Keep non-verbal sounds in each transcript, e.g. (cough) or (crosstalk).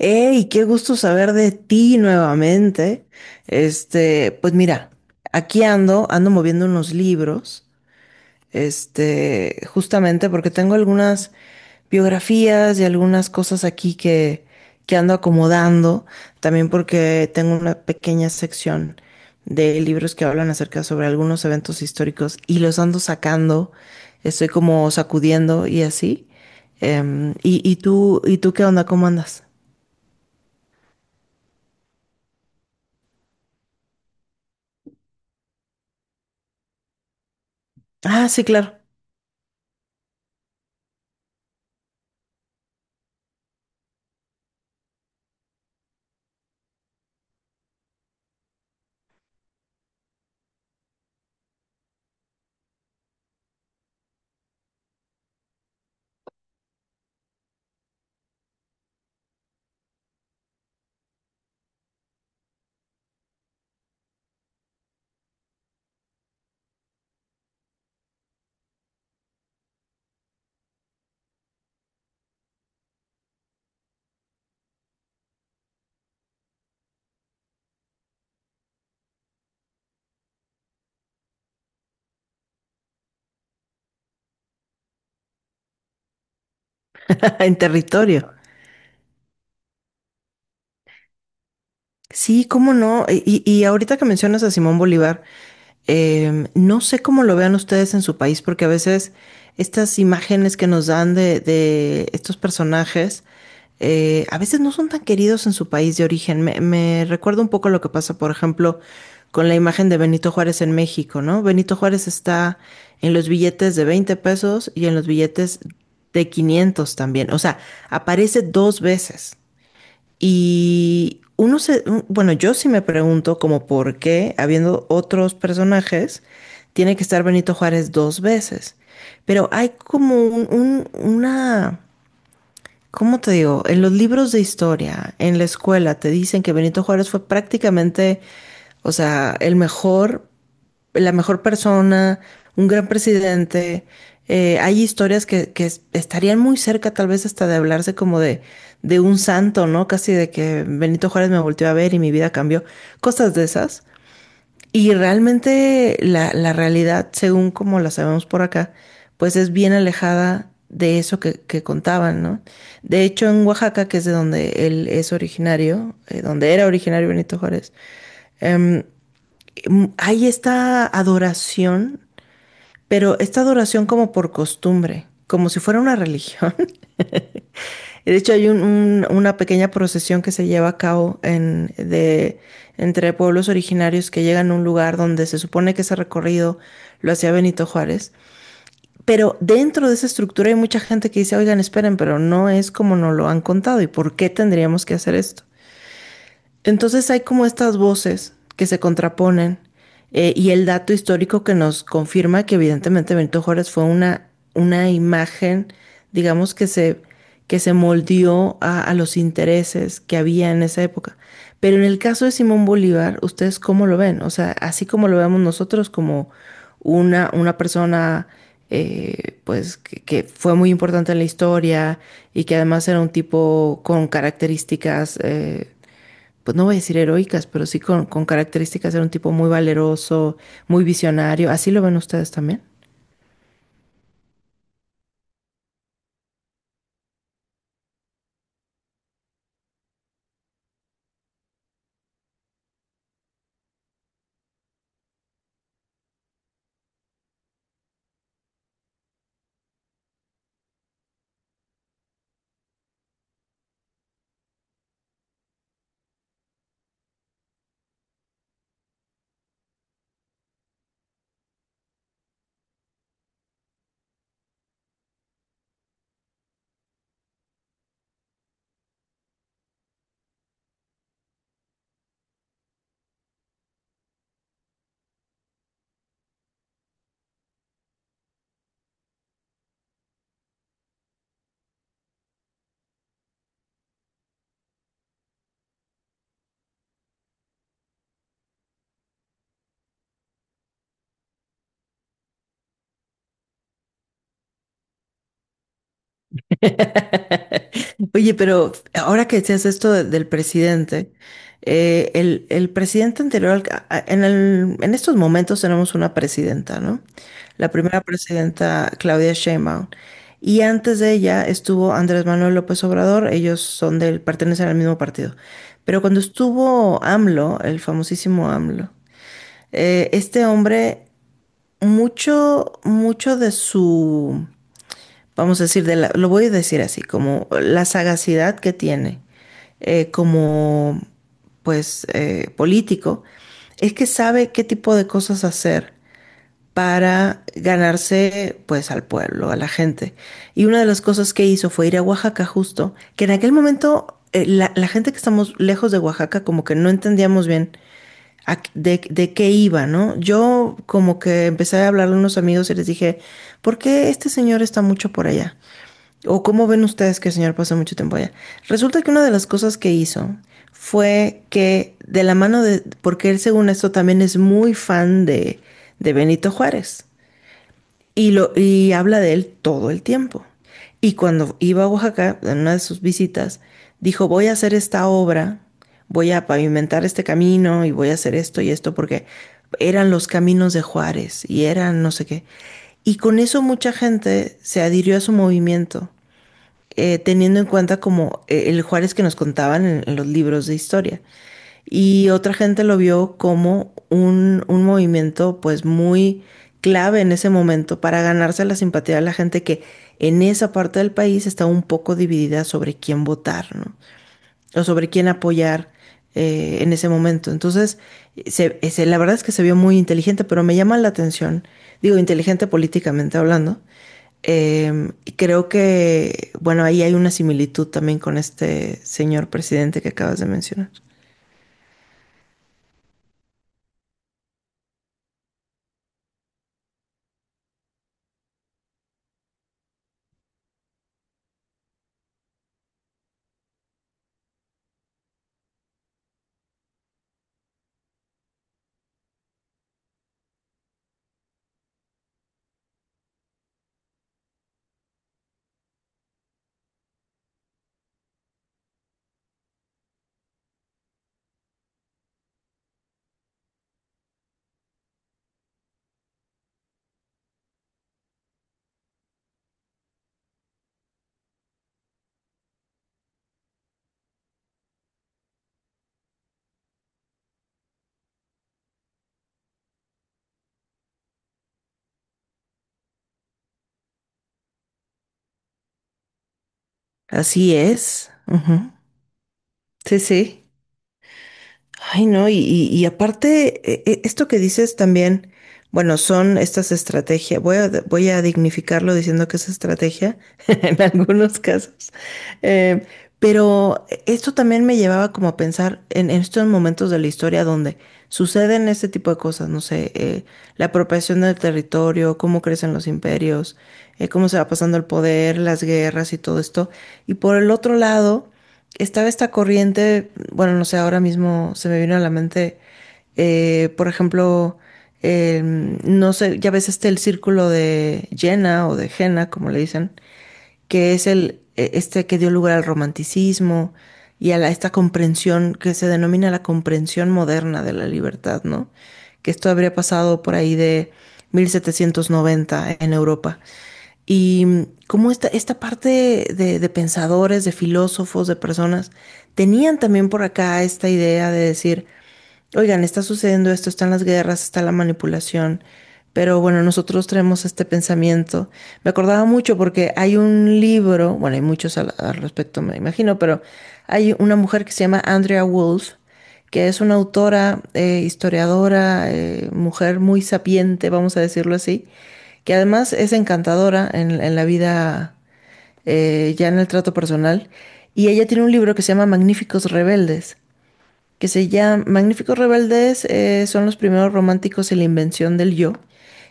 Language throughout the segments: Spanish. Hey, qué gusto saber de ti nuevamente. Pues mira, aquí ando, ando moviendo unos libros, justamente porque tengo algunas biografías y algunas cosas aquí que ando acomodando, también porque tengo una pequeña sección de libros que hablan acerca sobre algunos eventos históricos y los ando sacando, estoy como sacudiendo y así. Y tú, ¿y tú qué onda? ¿Cómo andas? Ah, sí, claro, (laughs) en territorio. Sí, cómo no. Y ahorita que mencionas a Simón Bolívar, no sé cómo lo vean ustedes en su país, porque a veces estas imágenes que nos dan de estos personajes, a veces no son tan queridos en su país de origen. Me recuerda un poco lo que pasa, por ejemplo, con la imagen de Benito Juárez en México, ¿no? Benito Juárez está en los billetes de 20 pesos y en los billetes de 500 también. O sea, aparece dos veces. Y bueno, yo sí me pregunto como por qué, habiendo otros personajes, tiene que estar Benito Juárez dos veces. Pero hay como una, ¿cómo te digo? En los libros de historia, en la escuela, te dicen que Benito Juárez fue prácticamente, o sea, el mejor la mejor persona, un gran presidente. Hay historias estarían muy cerca tal vez hasta de hablarse como de un santo, ¿no? Casi de que Benito Juárez me volteó a ver y mi vida cambió, cosas de esas. Y realmente la realidad, según como la sabemos por acá, pues es bien alejada de eso que contaban, ¿no? De hecho, en Oaxaca, que es de donde él es originario, donde era originario Benito Juárez, em, hay esta adoración, pero esta adoración como por costumbre, como si fuera una religión. (laughs) De hecho, hay una pequeña procesión que se lleva a cabo entre pueblos originarios que llegan a un lugar donde se supone que ese recorrido lo hacía Benito Juárez. Pero dentro de esa estructura hay mucha gente que dice, oigan, esperen, pero no es como nos lo han contado. ¿Y por qué tendríamos que hacer esto? Entonces hay como estas voces que se contraponen, y el dato histórico que nos confirma que evidentemente Benito Juárez fue una imagen, digamos, que se moldeó a los intereses que había en esa época. Pero en el caso de Simón Bolívar, ¿ustedes cómo lo ven? O sea, así como lo vemos nosotros como una persona pues fue muy importante en la historia y que además era un tipo con características pues no voy a decir heroicas, pero sí con características, de un tipo muy valeroso, muy visionario. ¿Así lo ven ustedes también? Oye, pero ahora que decías esto del presidente, el presidente anterior, en estos momentos tenemos una presidenta, ¿no? La primera presidenta, Claudia Sheinbaum. Y antes de ella estuvo Andrés Manuel López Obrador, ellos son del, pertenecen al mismo partido. Pero cuando estuvo AMLO, el famosísimo AMLO, este hombre mucho de su, vamos a decir, lo voy a decir así, como la sagacidad que tiene eh, como, político, es que sabe qué tipo de cosas hacer para ganarse pues al pueblo, a la gente. Y una de las cosas que hizo fue ir a Oaxaca justo, que en aquel momento la gente que estamos lejos de Oaxaca como que no entendíamos bien de qué iba, ¿no? Yo como que empecé a hablarle a unos amigos y les dije, ¿por qué este señor está mucho por allá? ¿O cómo ven ustedes que el señor pasó mucho tiempo allá? Resulta que una de las cosas que hizo fue que de la mano de, porque él según esto también es muy fan de Benito Juárez y, y habla de él todo el tiempo. Y cuando iba a Oaxaca, en una de sus visitas, dijo, voy a hacer esta obra, voy a pavimentar este camino y voy a hacer esto y esto porque eran los caminos de Juárez y eran no sé qué. Y con eso mucha gente se adhirió a su movimiento, teniendo en cuenta como el Juárez que nos contaban en los libros de historia. Y otra gente lo vio como un movimiento pues muy clave en ese momento para ganarse la simpatía de la gente que en esa parte del país está un poco dividida sobre quién votar, ¿no? O sobre quién apoyar, en ese momento. Entonces, la verdad es que se vio muy inteligente, pero me llama la atención, digo, inteligente políticamente hablando. Y creo que, bueno, ahí hay una similitud también con este señor presidente que acabas de mencionar. Así es. Ujú. Sí, sí. Ay, no, y aparte, esto que dices también, bueno, son estas estrategias, voy a dignificarlo diciendo que es estrategia (laughs) en algunos casos, eh, pero esto también me llevaba como a pensar en estos momentos de la historia donde suceden este tipo de cosas, no sé, la apropiación del territorio, cómo crecen los imperios, cómo se va pasando el poder, las guerras y todo esto, y por el otro lado estaba esta corriente, bueno, no sé, ahora mismo se me vino a la mente, por ejemplo, no sé, ya ves este el círculo de Jena o de Jena, como le dicen, que es el, este que dio lugar al romanticismo y a esta comprensión que se denomina la comprensión moderna de la libertad, ¿no? Que esto habría pasado por ahí de 1790 en Europa. Y cómo esta, esta parte de pensadores, de filósofos, de personas, tenían también por acá esta idea de decir, oigan, está sucediendo esto, están las guerras, está la manipulación, pero bueno, nosotros traemos este pensamiento. Me acordaba mucho porque hay un libro, bueno, hay muchos al respecto, me imagino, pero hay una mujer que se llama Andrea Wolf, que es una autora, historiadora, mujer muy sapiente, vamos a decirlo así, que además es encantadora en la vida, ya en el trato personal, y ella tiene un libro que se llama Magníficos Rebeldes, son los primeros románticos en la invención del yo.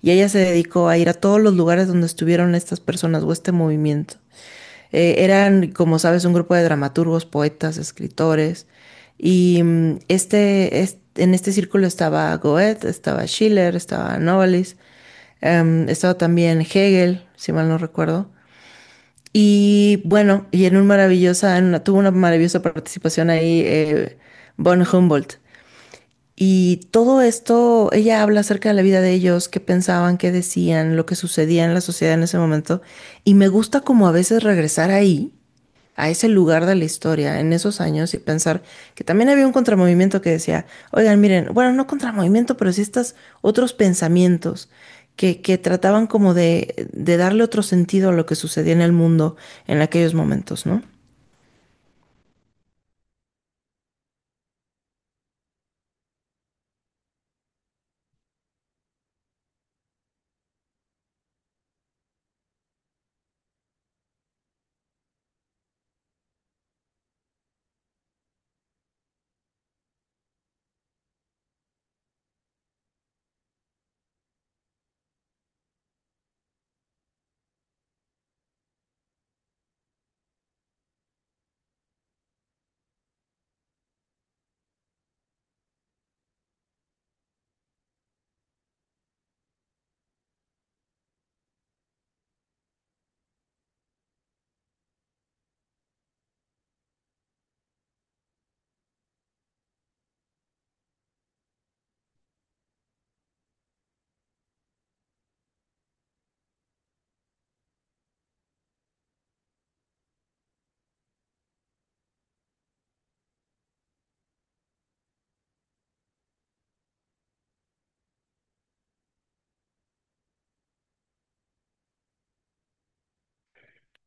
Y ella se dedicó a ir a todos los lugares donde estuvieron estas personas o este movimiento. Eran, como sabes, un grupo de dramaturgos, poetas, escritores. Y en este círculo estaba Goethe, estaba Schiller, estaba Novalis, estaba también Hegel, si mal no recuerdo. Y bueno, y en un maravillosa, en una- tuvo una maravillosa participación ahí, von Humboldt. Y todo esto, ella habla acerca de la vida de ellos, qué pensaban, qué decían, lo que sucedía en la sociedad en ese momento. Y me gusta como a veces regresar ahí, a ese lugar de la historia, en esos años, y pensar que también había un contramovimiento que decía, oigan, miren, bueno, no contramovimiento, pero sí estos otros pensamientos que trataban como de darle otro sentido a lo que sucedía en el mundo en aquellos momentos, ¿no?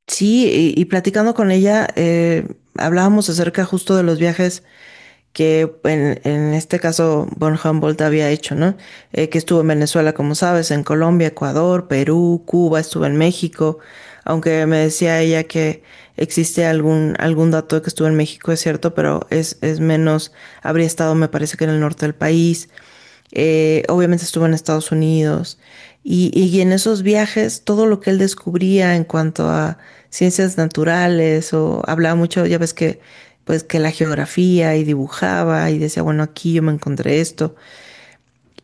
Sí, platicando con ella, hablábamos acerca justo de los viajes que en este caso von Humboldt había hecho, ¿no? Que estuvo en Venezuela, como sabes, en Colombia, Ecuador, Perú, Cuba, estuvo en México, aunque me decía ella que existe algún dato de que estuvo en México, es cierto, pero es menos, habría estado, me parece que en el norte del país, obviamente estuvo en Estados Unidos y en esos viajes todo lo que él descubría en cuanto a ciencias naturales o hablaba mucho, ya ves que pues que la geografía y dibujaba y decía, bueno, aquí yo me encontré esto.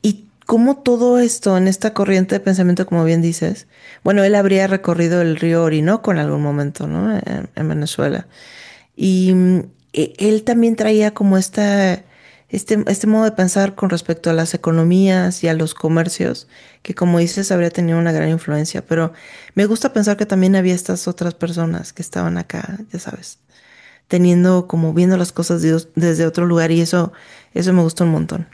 Y cómo todo esto en esta corriente de pensamiento, como bien dices, bueno, él habría recorrido el río Orinoco en algún momento, ¿no? En Venezuela. Y él también traía como esta, este modo de pensar con respecto a las economías y a los comercios, que como dices, habría tenido una gran influencia. Pero me gusta pensar que también había estas otras personas que estaban acá, ya sabes, teniendo como viendo las cosas desde otro lugar y eso me gustó un montón.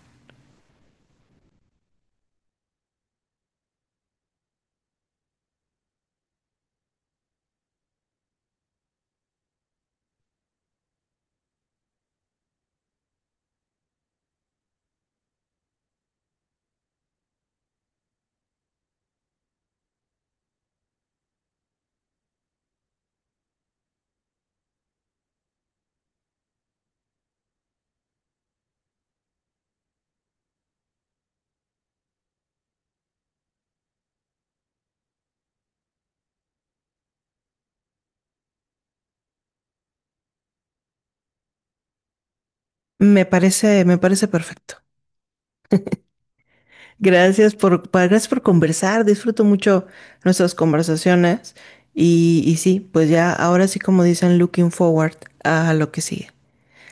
Me parece perfecto. Gracias por conversar. Disfruto mucho nuestras conversaciones. Y sí, pues ya ahora sí, como dicen, looking forward a lo que sigue,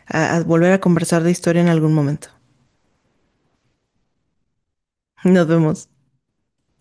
a volver a conversar de historia en algún momento. Nos vemos.